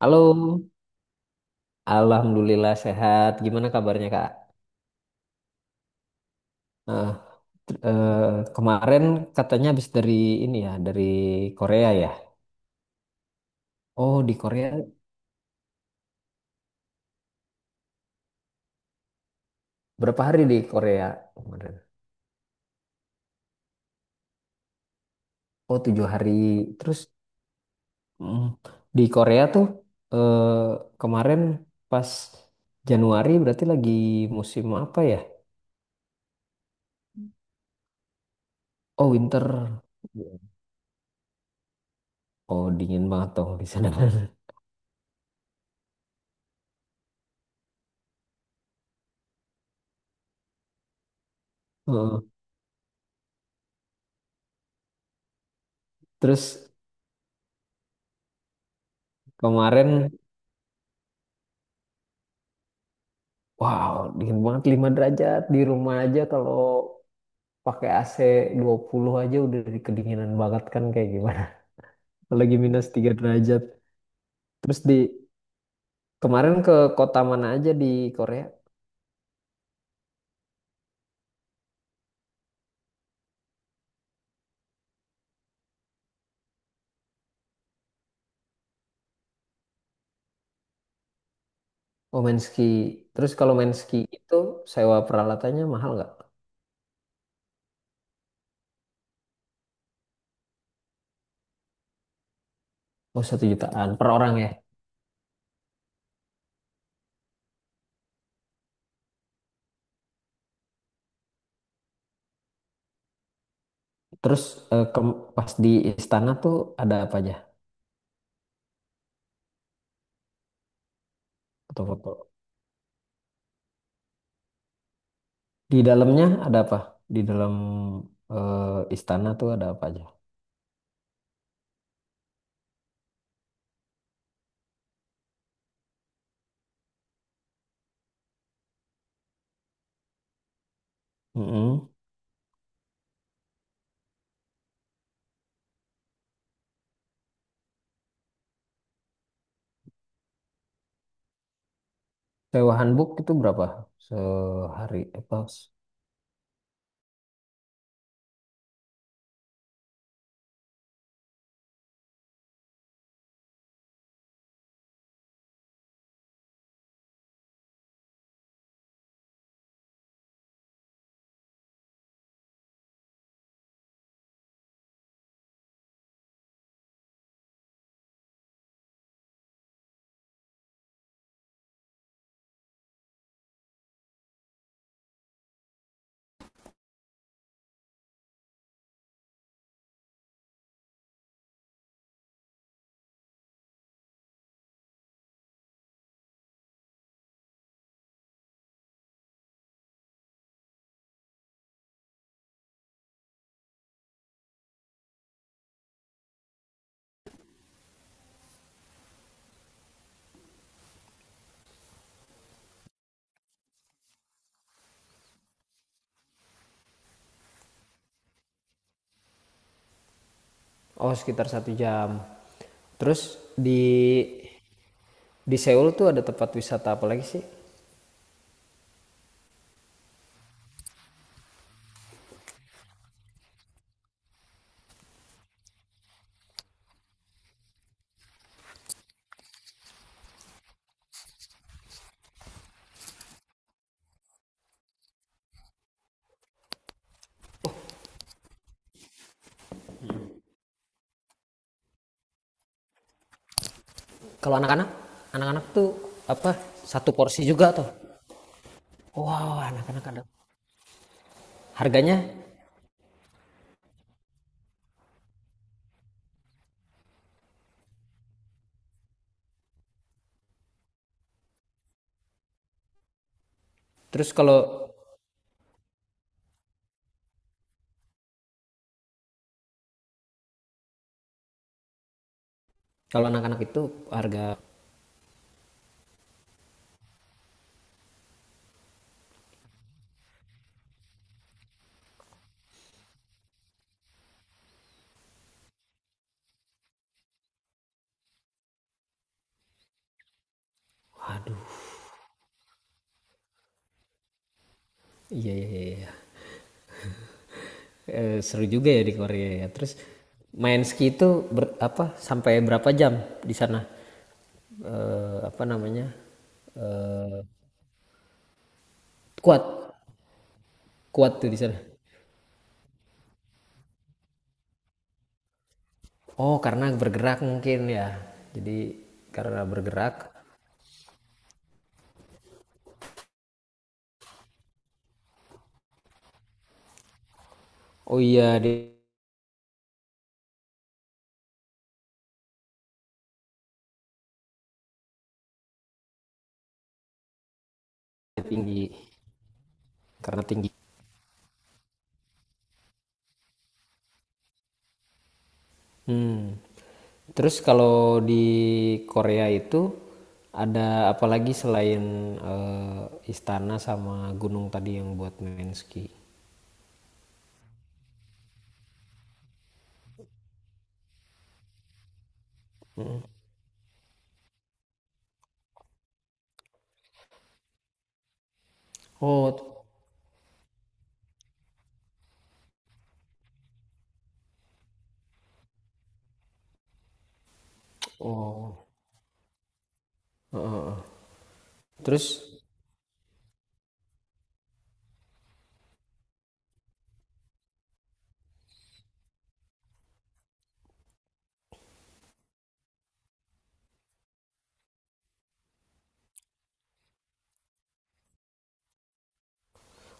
Halo, Alhamdulillah sehat. Gimana kabarnya Kak? Nah, t- eh, kemarin katanya habis dari ini ya, dari Korea ya. Oh, di Korea berapa hari di Korea kemarin? Oh, tujuh hari. Terus mm, di Korea tuh eh, kemarin pas Januari berarti lagi musim apa ya? Oh, winter. Oh, dingin banget dong di sana. Heeh. Terus kemarin. Wow, dingin banget 5 derajat di rumah aja kalau pakai AC puluh aja udah di- kedinginan banget kan kayak gimana. Apalagi minus 3 derajat. Terus di kemarin ke kota mana aja di Korea? Oh main ski. Terus kalau main ski itu sewa peralatannya mahal nggak? Oh satu jutaan per orang ya. Terus ke- pas di istana tuh ada apa aja? Foto-foto. Di dalamnya ada apa? Di dalam istana tuh ada apa aja? Mm-mm. Sewa handbook itu berapa sehari? Apa? Oh, sekitar satu jam. Terus di di Seoul tuh ada tempat wisata apa lagi sih? Kalau anak-anak, anak-anak tuh apa? Satu porsi juga tuh. Wow, anak-anak ada. Harganya? Terus kalau kalau anak-anak itu harga, aduh, iya iya iya. Iya. Seru juga ya di Korea ya. Terus main ski itu apa sampai berapa jam di sana? Eh, apa namanya? Eh, kuat, kuat tuh di sana. Oh, karena bergerak mungkin ya. Jadi karena bergerak. Oh iya, dia tinggi karena tinggi. Hmm. Terus kalau di Korea itu ada apalagi selain eh, istana sama gunung tadi yang buat main ski? Oh t- oh, heeh heeh. Terus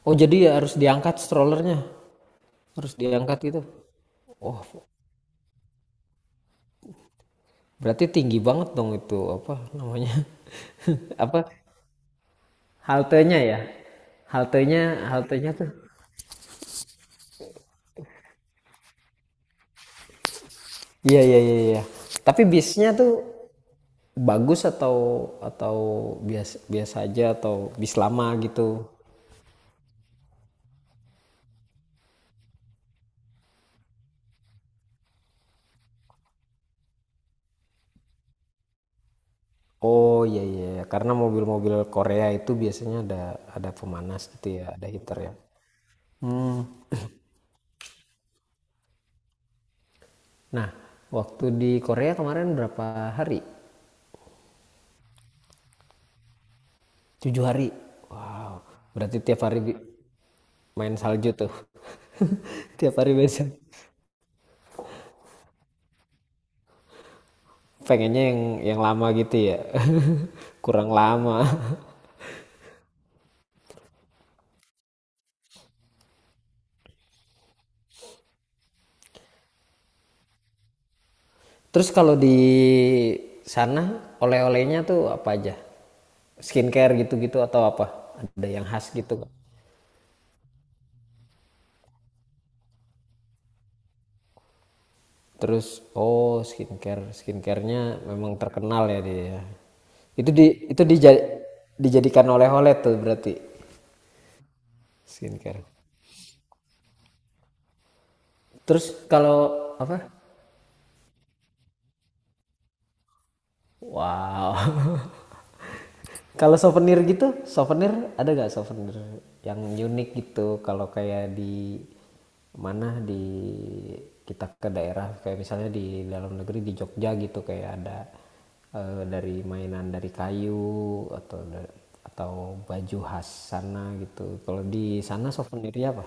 oh jadi ya harus diangkat strollernya. Harus diangkat gitu? Oh, berarti tinggi banget dong itu, apa namanya? Apa, haltenya ya? Haltenya haltenya tuh iya iya iya iya. Tapi bisnya tuh bagus atau biasa biasa aja atau bis lama gitu? Oh iya iya, iya. Karena mobil-mobil Korea itu biasanya ada pemanas gitu ya, ada heater ya. Nah, waktu di Korea kemarin berapa hari? Tujuh hari. Wow, berarti tiap hari main salju tuh. Tiap hari main salju. Pengennya yang lama gitu ya. Kurang lama. Terus kalau di sana oleh-olehnya tuh apa aja? Skincare gitu-gitu atau apa? Ada yang khas gitu? Terus oh skincare, skincarenya memang terkenal ya dia ya. Itu di itu dija dijadikan oleh-oleh tuh berarti skincare. Terus kalau apa? Wow. Kalau souvenir gitu, souvenir ada gak souvenir yang unik gitu? Kalau kayak di mana di kita ke daerah kayak misalnya di dalam negeri di Jogja gitu kayak ada dari mainan dari kayu atau baju khas sana gitu. Kalau di sana souvenirnya apa?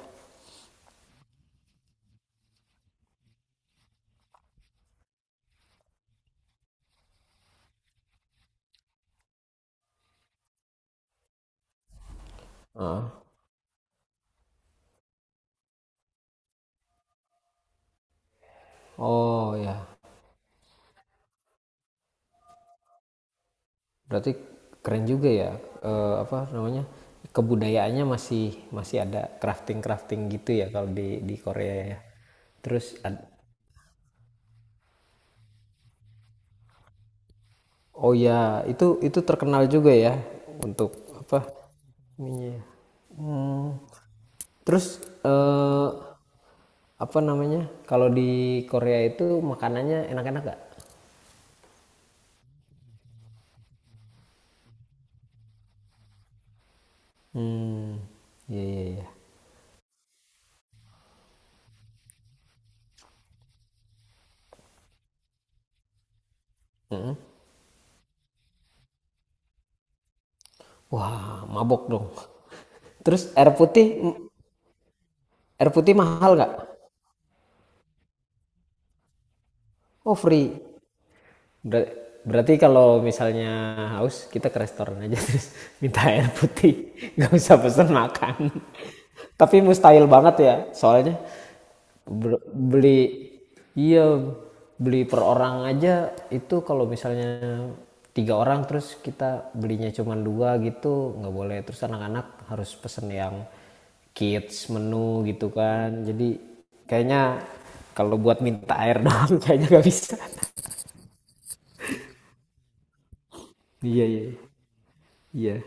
Heeh. Oh ya, berarti keren juga ya apa namanya? Kebudayaannya masih masih ada crafting-crafting gitu ya kalau di Korea ya. Terus ad- oh ya, itu terkenal juga ya untuk apa? Ininya. Hmm. Terus eh, apa namanya? Kalau di Korea itu makanannya enak-enak gak? Hmm, iya iya iya. Mm-mm. Wah, mabok dong. Terus air putih mahal gak? Oh free. Ber- berarti kalau misalnya haus kita ke restoran aja terus minta air putih nggak usah pesan makan tapi mustahil banget ya soalnya ber- beli iya beli per orang aja itu kalau misalnya tiga orang terus kita belinya cuma dua gitu nggak boleh terus anak-anak harus pesen yang kids menu gitu kan jadi kayaknya kalau buat minta air doang kayaknya nggak bisa. Iya, iya. Iya.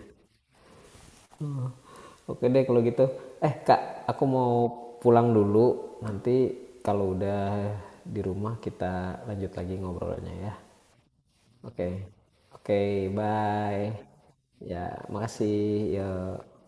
Oke deh kalau gitu. Eh, Kak, aku mau pulang dulu. Nanti kalau udah di rumah kita lanjut lagi ngobrolnya ya. Oke. Oke, bye. Ya, makasih. Ya